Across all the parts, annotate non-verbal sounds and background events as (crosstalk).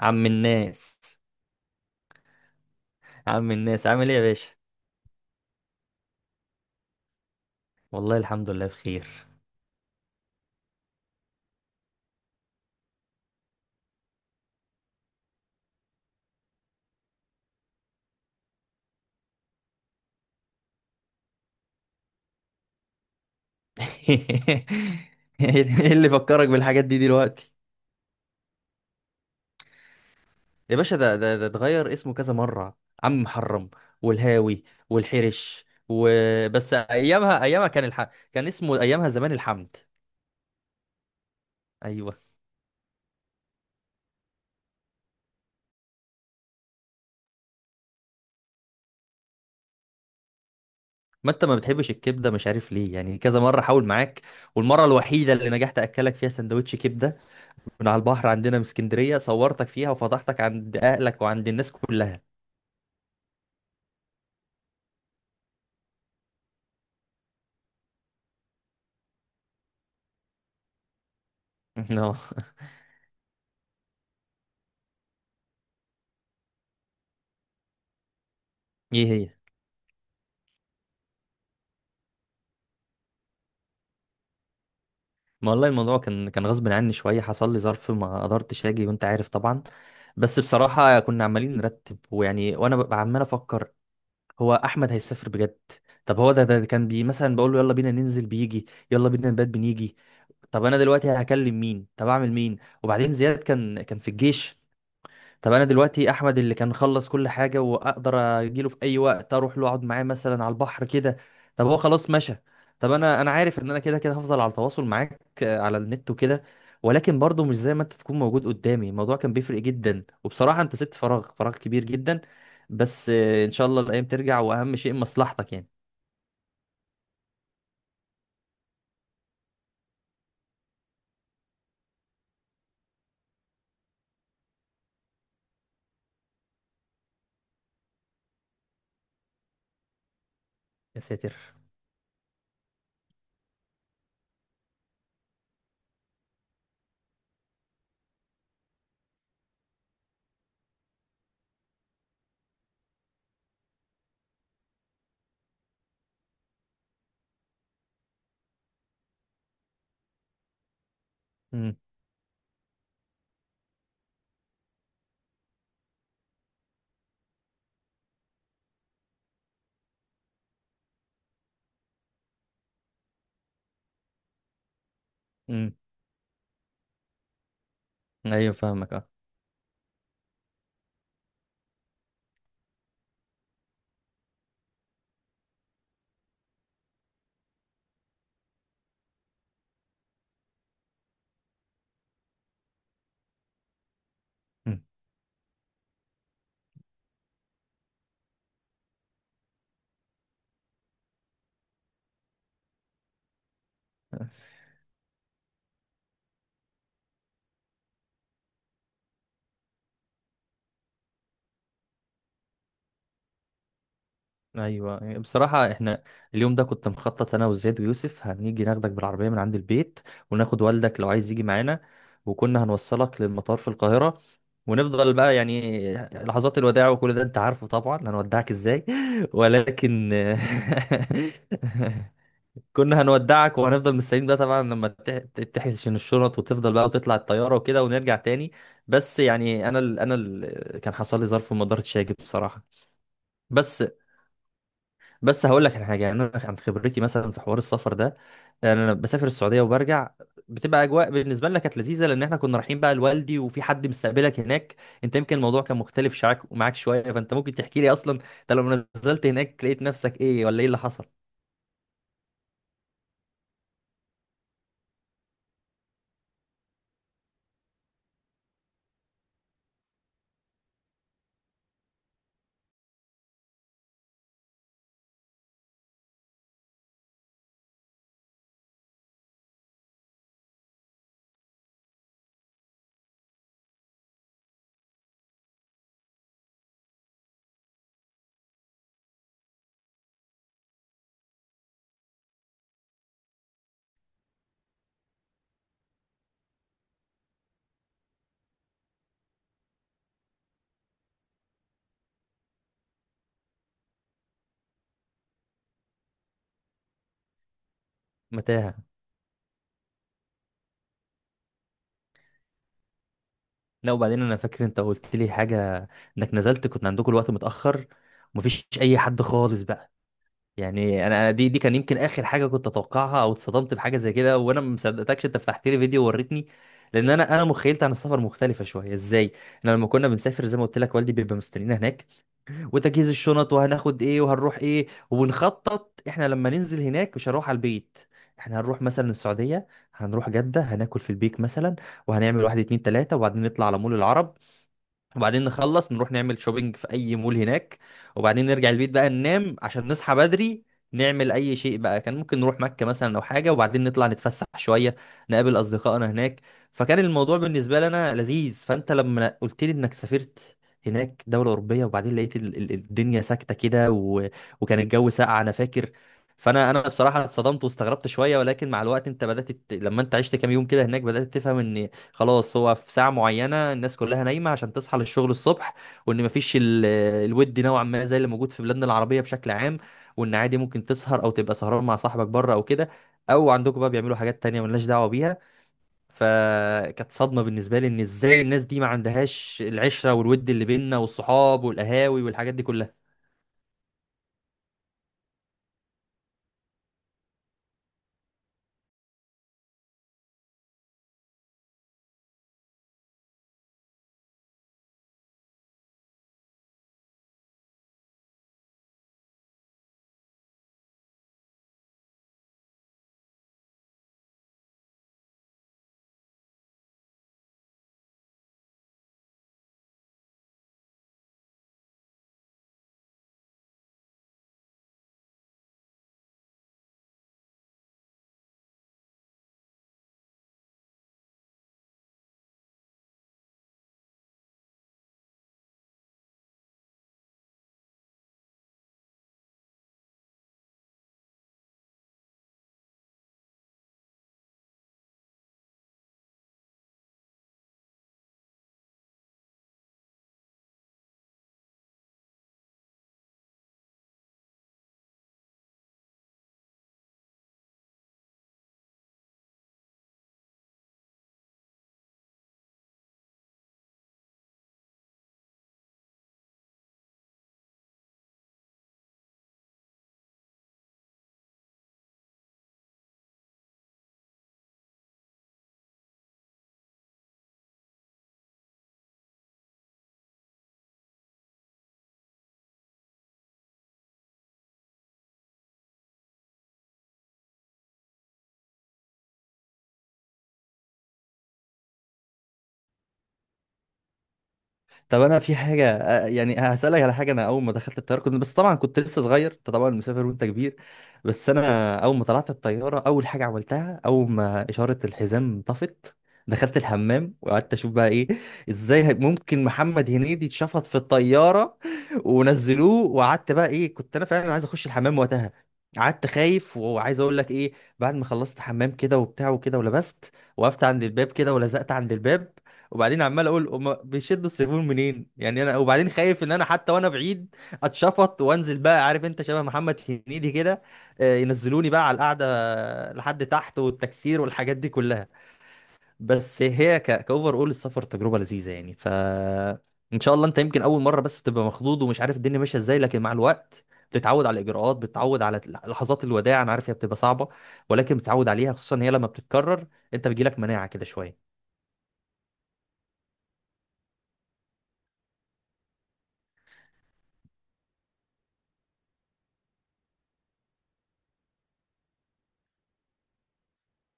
عم الناس عم الناس عامل ايه يا باشا؟ والله الحمد لله بخير. (laughs) ايه اللي فكرك بالحاجات دي دلوقتي؟ يا باشا ده اتغير اسمه كذا مرة: عم محرم والهاوي والحرش، وبس ايامها ايامها كان اسمه ايامها زمان الحمد. ايوه، ما انت ما بتحبش الكبده مش عارف ليه، يعني كذا مره حاول معاك، والمره الوحيده اللي نجحت اكلك فيها سندوتش كبده من على البحر عندنا في اسكندريه، صورتك فيها وفضحتك عند اهلك وعند الناس كلها. اه. (laughs) ايه هي؟ ما والله الموضوع كان غصب عني شويه، حصل لي ظرف ما قدرتش اجي وانت عارف طبعا. بس بصراحه كنا عمالين نرتب ويعني، وانا ببقى عمال افكر: هو احمد هيسافر بجد؟ طب هو ده كان بي مثلا بقول له يلا بينا ننزل بيجي، يلا بينا نبات بنيجي. طب انا دلوقتي هكلم مين، طب اعمل مين؟ وبعدين زياد كان في الجيش. طب انا دلوقتي احمد اللي كان خلص كل حاجه واقدر اجيله في اي وقت اروح له اقعد معاه مثلا على البحر كده، طب هو خلاص مشى. طب انا عارف ان انا كده كده هفضل على تواصل معاك، على النت وكده، ولكن برضه مش زي ما انت تكون موجود قدامي، الموضوع كان بيفرق جدا. وبصراحه انت سبت فراغ كبير جدا. بس ان شاء الله الايام ترجع، واهم شيء مصلحتك يعني. يا ساتر. امم. امم. ايوه فاهمك، اه. مم. ايوه يعني بصراحه احنا اليوم ده كنت مخطط انا وزياد ويوسف هنيجي ناخدك بالعربيه من عند البيت، وناخد والدك لو عايز يجي معانا، وكنا هنوصلك للمطار في القاهره، ونفضل بقى يعني لحظات الوداع وكل ده انت عارفه طبعا، هنودعك ازاي. (laughs) ولكن (laughs) كنا هنودعك وهنفضل مستنيين بقى طبعا لما تحسن الشنط وتفضل بقى وتطلع الطياره وكده ونرجع تاني. بس يعني كان حصل لي ظرف وما قدرتش اجي بصراحه. بس بس هقول لك على حاجه، يعني انا عن خبرتي مثلا في حوار السفر ده، يعني انا بسافر السعوديه وبرجع، بتبقى اجواء بالنسبه لنا كانت لذيذه لان احنا كنا رايحين بقى لوالدي وفي حد مستقبلك هناك. انت يمكن الموضوع كان مختلف شعك معاك شويه، فانت ممكن تحكي لي اصلا انت لما نزلت هناك لقيت نفسك ايه ولا ايه اللي حصل؟ متاهه. لا وبعدين انا فاكر انت قلت لي حاجه، انك نزلت كنت عندكم الوقت متاخر ومفيش اي حد خالص بقى. يعني انا دي كان يمكن اخر حاجه كنت اتوقعها، او اتصدمت بحاجه زي كده وانا ما مصدقتكش انت فتحت لي فيديو ووريتني. لان انا مخيلتي عن السفر مختلفه شويه. ازاي؟ انا لما كنا بنسافر، زي ما قلت لك، والدي بيبقى مستنينا هناك، وتجهيز الشنط وهناخد ايه وهنروح ايه، وبنخطط احنا لما ننزل هناك مش هروح على البيت. احنا هنروح مثلا السعوديه، هنروح جده، هناكل في البيك مثلا، وهنعمل واحد اتنين تلاته، وبعدين نطلع على مول العرب، وبعدين نخلص نروح نعمل شوبينج في اي مول هناك، وبعدين نرجع البيت بقى ننام عشان نصحى بدري، نعمل اي شيء بقى، كان ممكن نروح مكة مثلا او حاجة، وبعدين نطلع نتفسح شوية، نقابل اصدقائنا هناك. فكان الموضوع بالنسبة لنا لذيذ. فانت لما قلت لي انك سافرت هناك دولة أوروبية، وبعدين لقيت الدنيا ساكتة كده، و... وكان الجو ساقع أنا فاكر، فأنا بصراحة اتصدمت واستغربت شوية. ولكن مع الوقت أنت بدأت لما أنت عشت كام يوم كده هناك بدأت تفهم إن خلاص هو في ساعة معينة الناس كلها نايمة عشان تصحى للشغل الصبح، وإن مفيش الود نوعا ما زي اللي موجود في بلادنا العربية بشكل عام، وإن عادي ممكن تسهر أو تبقى سهران مع صاحبك بره أو كده، أو عندكم بقى بيعملوا حاجات تانية ملناش دعوة بيها. فكانت صدمة بالنسبة لي إن إزاي الناس دي ما عندهاش العشرة والود اللي بيننا، والصحاب والقهاوي والحاجات دي كلها. طب انا في حاجه، يعني هسالك على حاجه. انا اول ما دخلت الطياره كنت، بس طبعا كنت لسه صغير، انت طبعا مسافر وانت كبير، بس انا اول ما طلعت الطياره اول حاجه عملتها اول ما اشاره الحزام طفت، دخلت الحمام وقعدت اشوف بقى ايه، ازاي ممكن محمد هنيدي اتشفط في الطياره ونزلوه. وقعدت بقى، ايه، كنت انا فعلا عايز اخش الحمام وقتها، قعدت خايف، وعايز اقول لك ايه، بعد ما خلصت حمام كده وبتاع وكده ولبست، وقفت عند الباب كده ولزقت عند الباب، وبعدين عمال اقول هما بيشدوا السيفون منين يعني انا، وبعدين خايف ان انا حتى وانا بعيد اتشفط وانزل بقى، عارف انت شبه محمد هنيدي كده، ينزلوني بقى على القعده لحد تحت والتكسير والحاجات دي كلها. بس هي كاوفر اول السفر تجربه لذيذه يعني، ف ان شاء الله انت يمكن اول مره بس بتبقى مخضوض ومش عارف الدنيا ماشيه ازاي، لكن مع الوقت بتتعود على الاجراءات، بتتعود على لحظات الوداع، انا عارف هي بتبقى صعبه، ولكن بتتعود عليها خصوصا هي لما بتتكرر، انت بيجيلك مناعه كده شويه.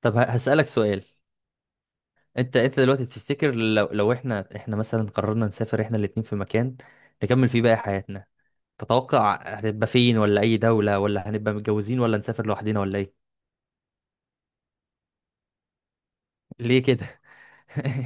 طب هسألك سؤال. انت دلوقتي تفتكر لو احنا مثلا قررنا نسافر احنا الاتنين في مكان نكمل فيه باقي حياتنا، تتوقع هتبقى فين؟ ولا اي دولة؟ ولا هنبقى متجوزين ولا نسافر لوحدنا ولا ايه؟ ليه كده؟ (laughs)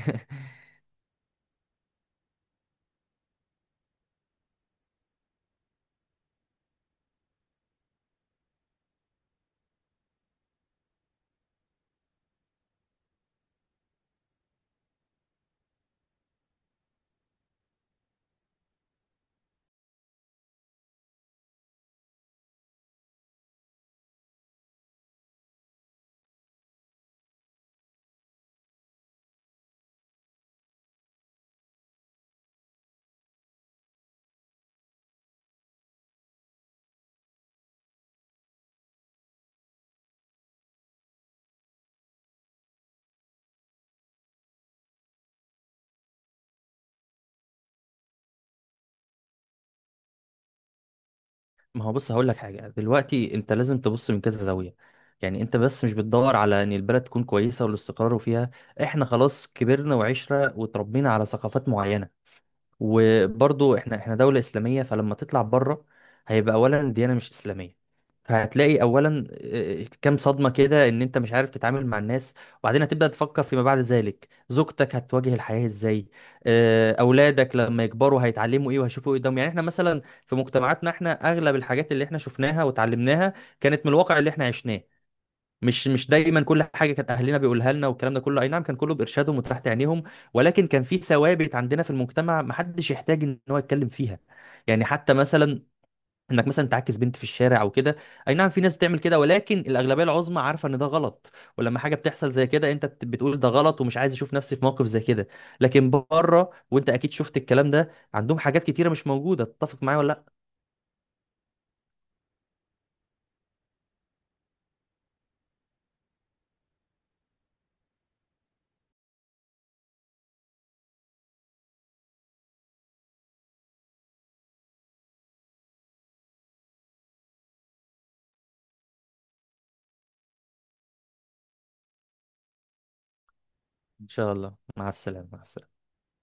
ما هو بص هقول لك حاجة دلوقتي، انت لازم تبص من كذا زاوية. يعني انت بس مش بتدور على ان البلد تكون كويسة والاستقرار فيها، احنا خلاص كبرنا وعشرة وتربينا على ثقافات معينة، وبرضو احنا دولة إسلامية، فلما تطلع بره هيبقى أولا الديانة مش إسلامية، فهتلاقي أولا، كام صدمة كده، إن أنت مش عارف تتعامل مع الناس، وبعدين هتبدأ تفكر فيما بعد ذلك زوجتك هتواجه الحياة إزاي، أولادك لما يكبروا هيتعلموا إيه وهيشوفوا إيه قدامهم. يعني احنا مثلا في مجتمعاتنا، احنا أغلب الحاجات اللي احنا شفناها وتعلمناها كانت من الواقع اللي احنا عشناه، مش دايما كل حاجه كانت اهلنا بيقولها لنا والكلام ده كله، اي نعم كان كله بارشادهم وتحت عينيهم، ولكن كان في ثوابت عندنا في المجتمع محدش يحتاج ان هو يتكلم فيها. يعني حتى مثلا انك مثلا تعاكس بنت في الشارع او كده، اي نعم في ناس بتعمل كده، ولكن الاغلبيه العظمى عارفه ان ده غلط. ولما حاجه بتحصل زي كده انت بتقول ده غلط ومش عايز اشوف نفسي في موقف زي كده. لكن بره وانت اكيد شفت الكلام ده، عندهم حاجات كتيره مش موجوده، تتفق معايا ولا لا؟ ان شاء الله، مع السلامه، مع السلامه.